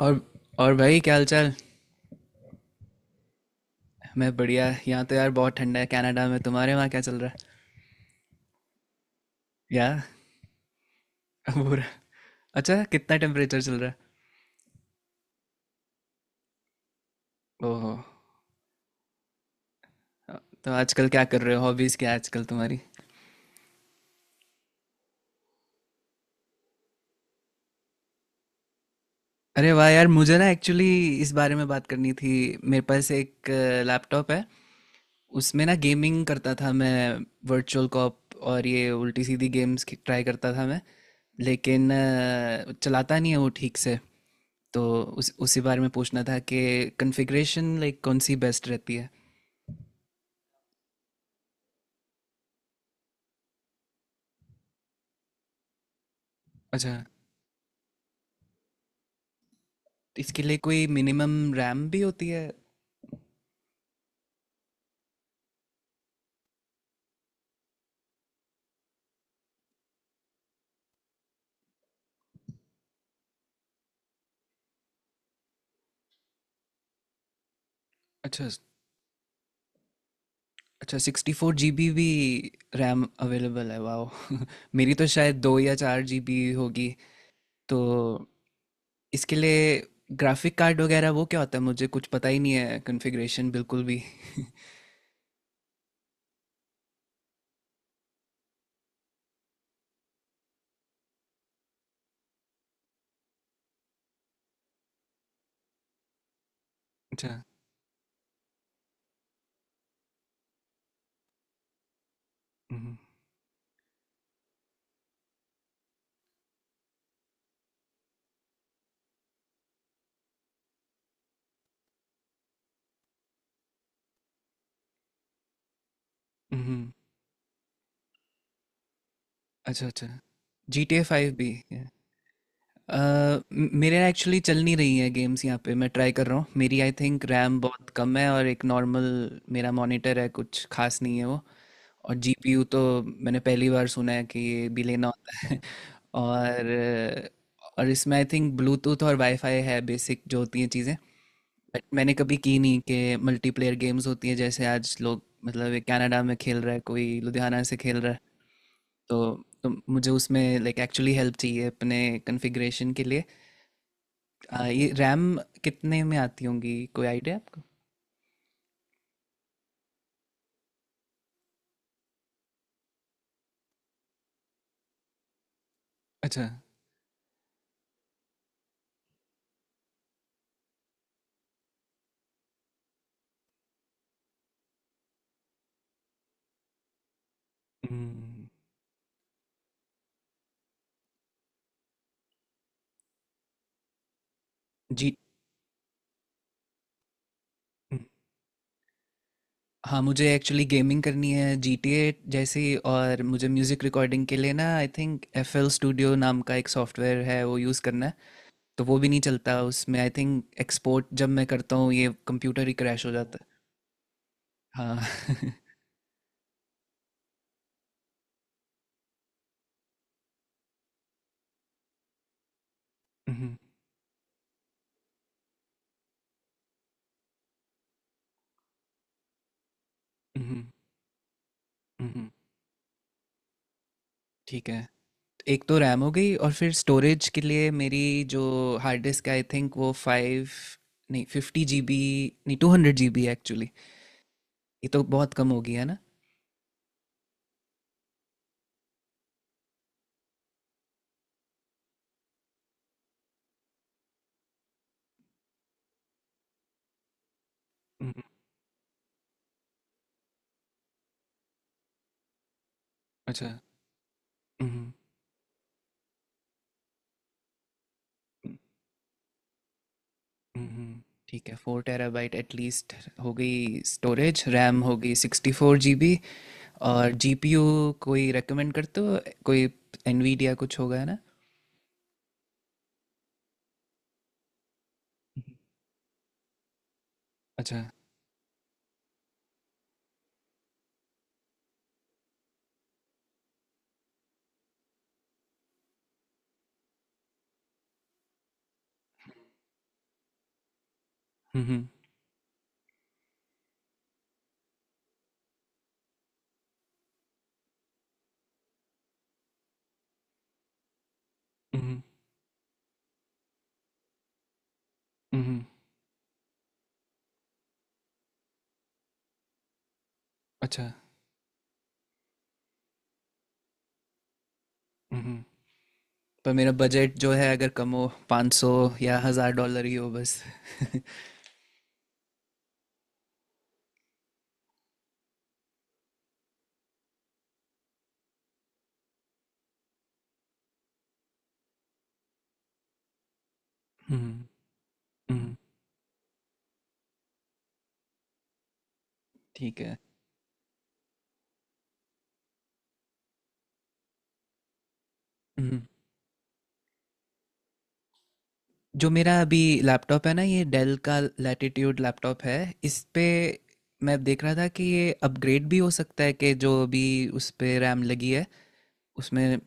और और भाई क्या हाल चाल। मैं बढ़िया। यहाँ तो यार बहुत ठंडा है कनाडा में। तुम्हारे वहाँ क्या चल रहा है। यार बुरा। अच्छा कितना टेम्परेचर चल रहा है। ओहो। तो आजकल क्या कर रहे हो, हॉबीज़ क्या है आजकल तुम्हारी। अरे वाह यार, मुझे ना एक्चुअली इस बारे में बात करनी थी। मेरे पास एक लैपटॉप है, उसमें ना गेमिंग करता था मैं, वर्चुअल कॉप और ये उल्टी सीधी गेम्स ट्राई करता था मैं। लेकिन चलाता नहीं है वो ठीक से। तो उस उसी बारे में पूछना था कि कॉन्फ़िगरेशन लाइक कौन सी बेस्ट रहती है। अच्छा, इसके लिए कोई मिनिमम रैम भी होती है। अच्छा, अच्छा 64 जी बी भी रैम अवेलेबल है, वाह मेरी तो शायद 2 या 4 जी बी होगी। तो इसके लिए ग्राफिक कार्ड वगैरह वो क्या होता है, मुझे कुछ पता ही नहीं है कॉन्फ़िगरेशन बिल्कुल भी अच्छा। हम्म। हम्म। अच्छा अच्छा, जी टी ए फाइव भी है। अ, मेरे एक्चुअली चल नहीं रही है गेम्स यहाँ पे, मैं ट्राई कर रहा हूँ। मेरी आई थिंक रैम बहुत कम है और एक नॉर्मल मेरा मॉनिटर है, कुछ खास नहीं है वो। और जीपीयू तो मैंने पहली बार सुना है कि ये भी लेना होता है और और इसमें आई थिंक ब्लूटूथ और वाईफाई है, बेसिक जो होती हैं चीज़ें। बट मैंने कभी की नहीं कि मल्टीप्लेयर गेम्स होती है, जैसे आज लोग मतलब ये कनाडा में खेल रहा है, कोई लुधियाना से खेल रहा है। तो, तो मुझे उसमें लाइक एक्चुअली हेल्प चाहिए अपने कॉन्फ़िगरेशन के लिए। ये रैम कितने में आती होंगी, कोई आइडिया है आपको। अच्छा। हम्म। जी। हम्म। हाँ मुझे एक्चुअली गेमिंग करनी है जी टी ए जैसी, और मुझे म्यूज़िक रिकॉर्डिंग के लिए ना I think F L studio नाम का एक सॉफ्टवेयर है वो यूज़ करना है। तो वो भी नहीं चलता उसमें। आई थिंक एक्सपोर्ट जब मैं करता हूँ ये कंप्यूटर ही क्रैश हो जाता है। हाँ हम्म। हम्म। हम्म। ठीक है। एक तो रैम हो गई, और फिर स्टोरेज के लिए मेरी जो हार्ड डिस्क आई थिंक वो 5, नहीं 50 जी बी, नहीं 200 जी बी एक्चुअली। ये तो बहुत कम हो गया ना। हम्म। अच्छा। हम्म। हम्म। ठीक है, 4 टेराबाइट एटलीस्ट। हो गई स्टोरेज, रैम हो गई 64 जी बी, और जीपीयू कोई रेकमेंड करते हो, कोई एनवीडिया कुछ होगा है ना। अच्छा। हम्म हम्म हम्म। अच्छा। हम्म। पर मेरा बजट जो है अगर कम हो, 500 या हज़ार डॉलर ही हो बस हम्म। हम्म। ठीक है। हम्म। जो मेरा अभी लैपटॉप है ना, ये डेल का लैटिट्यूड लैपटॉप है। इस पे मैं देख रहा था कि ये अपग्रेड भी हो सकता है, कि जो अभी उस पे रैम लगी है उसमें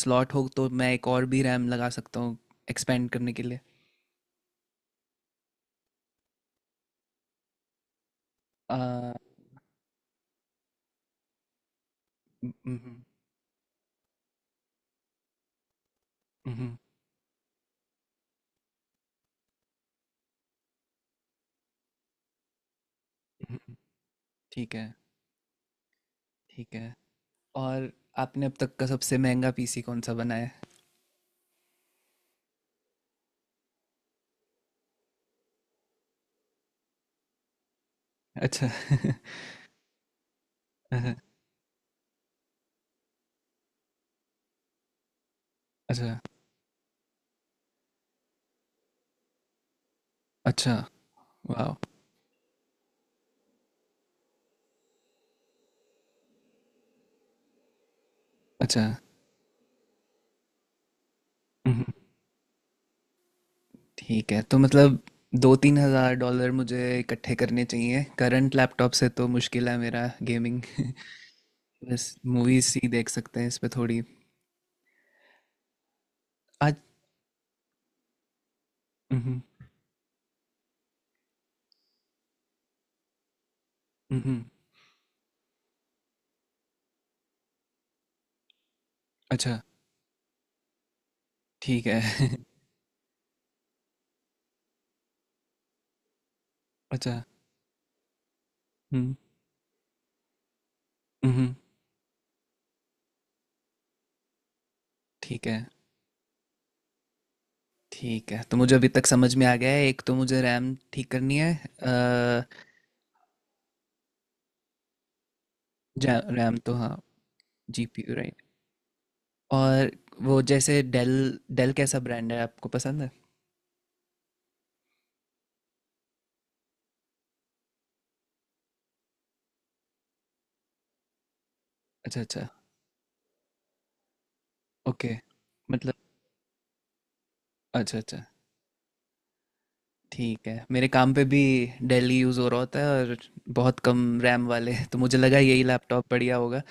स्लॉट हो तो मैं एक और भी रैम लगा सकता हूँ एक्सपेंड करने के लिए। अ, मम्हम। मम्हम। मम्हम। ठीक है। ठीक है। और आपने अब तक का सबसे महंगा पीसी कौन सा बनाया है? अच्छा अहं। अच्छा। अच्छा। वाह। अच्छा। मम्हम। ठीक है, तो मतलब 2 3 हजार डॉलर मुझे इकट्ठे करने चाहिए। करंट लैपटॉप से तो मुश्किल है मेरा गेमिंग बस मूवीज ही देख सकते हैं इस पे थोड़ी। आज। मम्हम। मम्हम। अच्छा। ठीक है अच्छा। हम्म हम्म। ठीक है। ठीक है तो मुझे अभी तक समझ में आ गया है, एक तो मुझे रैम ठीक करनी है। रैम तो हाँ। GPU right. और वो जैसे डेल, डेल कैसा ब्रांड है, आपको पसंद है। अच्छा अच्छा। ओके। मतलब, अच्छा अच्छा। ठीक है, मेरे काम पे भी डेल ही यूज़ हो रहा होता है और बहुत कम रैम वाले, तो मुझे लगा यही लैपटॉप बढ़िया होगा।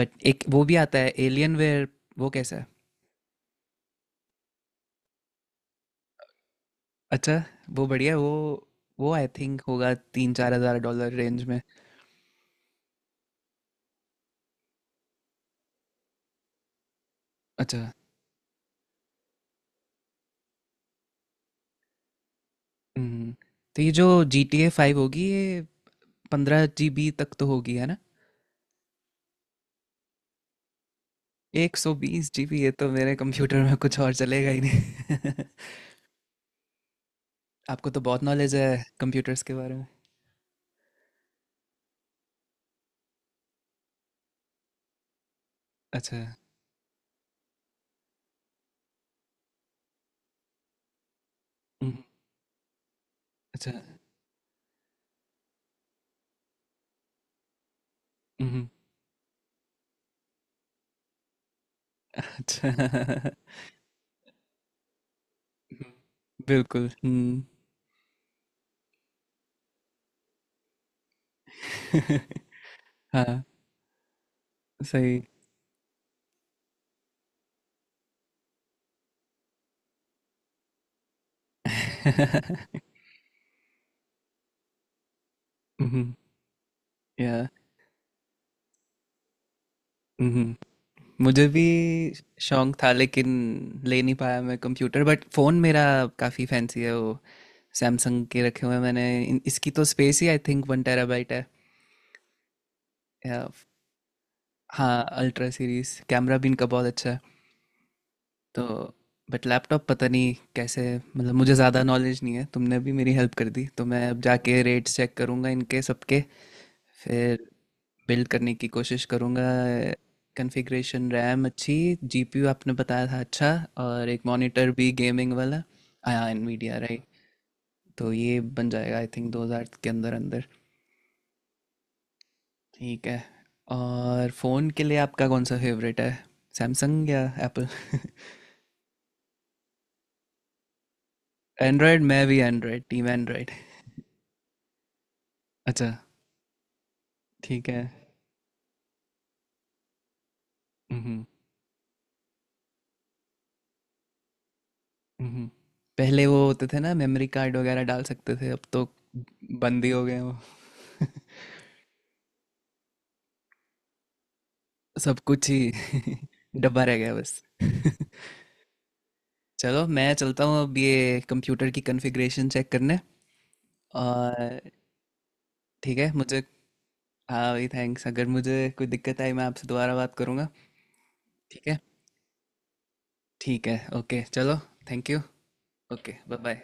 बट एक वो भी आता है एलियन वेयर, वो कैसा है। अच्छा। वो बढ़िया है, वो आई थिंक होगा 3 4 हज़ार डॉलर रेंज में। अच्छा। हम्म। तो ये जो जी टी ए फाइव होगी ये 15 जी बी तक तो होगी है ना। 120 जी बी, ये तो मेरे कंप्यूटर में कुछ और चलेगा ही नहीं आपको तो बहुत नॉलेज है कंप्यूटर्स के बारे में। अच्छा। हम्म। अच्छा। हम्म। अच्छा हम्म। बिल्कुल। हाँ सही हम्म। या। हम्म। मुझे भी शौक था लेकिन ले नहीं पाया मैं कंप्यूटर। बट फोन मेरा काफी फैंसी है, वो सैमसंग के रखे हुए हैं मैंने। इसकी तो स्पेस ही आई थिंक 1 टेराबाइट है या-। हाँ अल्ट्रा सीरीज कैमरा भी इनका बहुत अच्छा है। तो बट लैपटॉप पता नहीं कैसे, मतलब मुझे ज़्यादा नॉलेज नहीं है। तुमने अभी मेरी हेल्प कर दी, तो मैं अब जाके रेट्स चेक करूँगा इनके सबके, फिर बिल्ड करने की कोशिश करूँगा। कॉन्फ़िगरेशन, रैम अच्छी, जीपीयू आपने बताया था अच्छा, और एक मॉनिटर भी गेमिंग वाला। हाँ एनवीडिया राइट। तो ये बन जाएगा आई थिंक 2000 के अंदर अंदर। ठीक है। और फ़ोन के लिए आपका कौन सा फेवरेट है, सैमसंग या एप्पल। एंड्रॉयड, मैं भी एंड्रॉयड, टीम एंड्रॉयड। अच्छा। ठीक है। हम्म। हम्म। पहले वो होते थे ना मेमोरी कार्ड वगैरह डाल सकते थे, अब तो बंद ही हो गए हैं वो सब कुछ ही डब्बा रह गया बस चलो मैं चलता हूँ अब ये कंप्यूटर की कॉन्फ़िगरेशन चेक करने। और ठीक है मुझे। हाँ भाई थैंक्स, अगर मुझे कोई दिक्कत आई मैं आपसे दोबारा बात करूँगा। ठीक है। ठीक है ओके चलो। Thank you. Okay bye bye.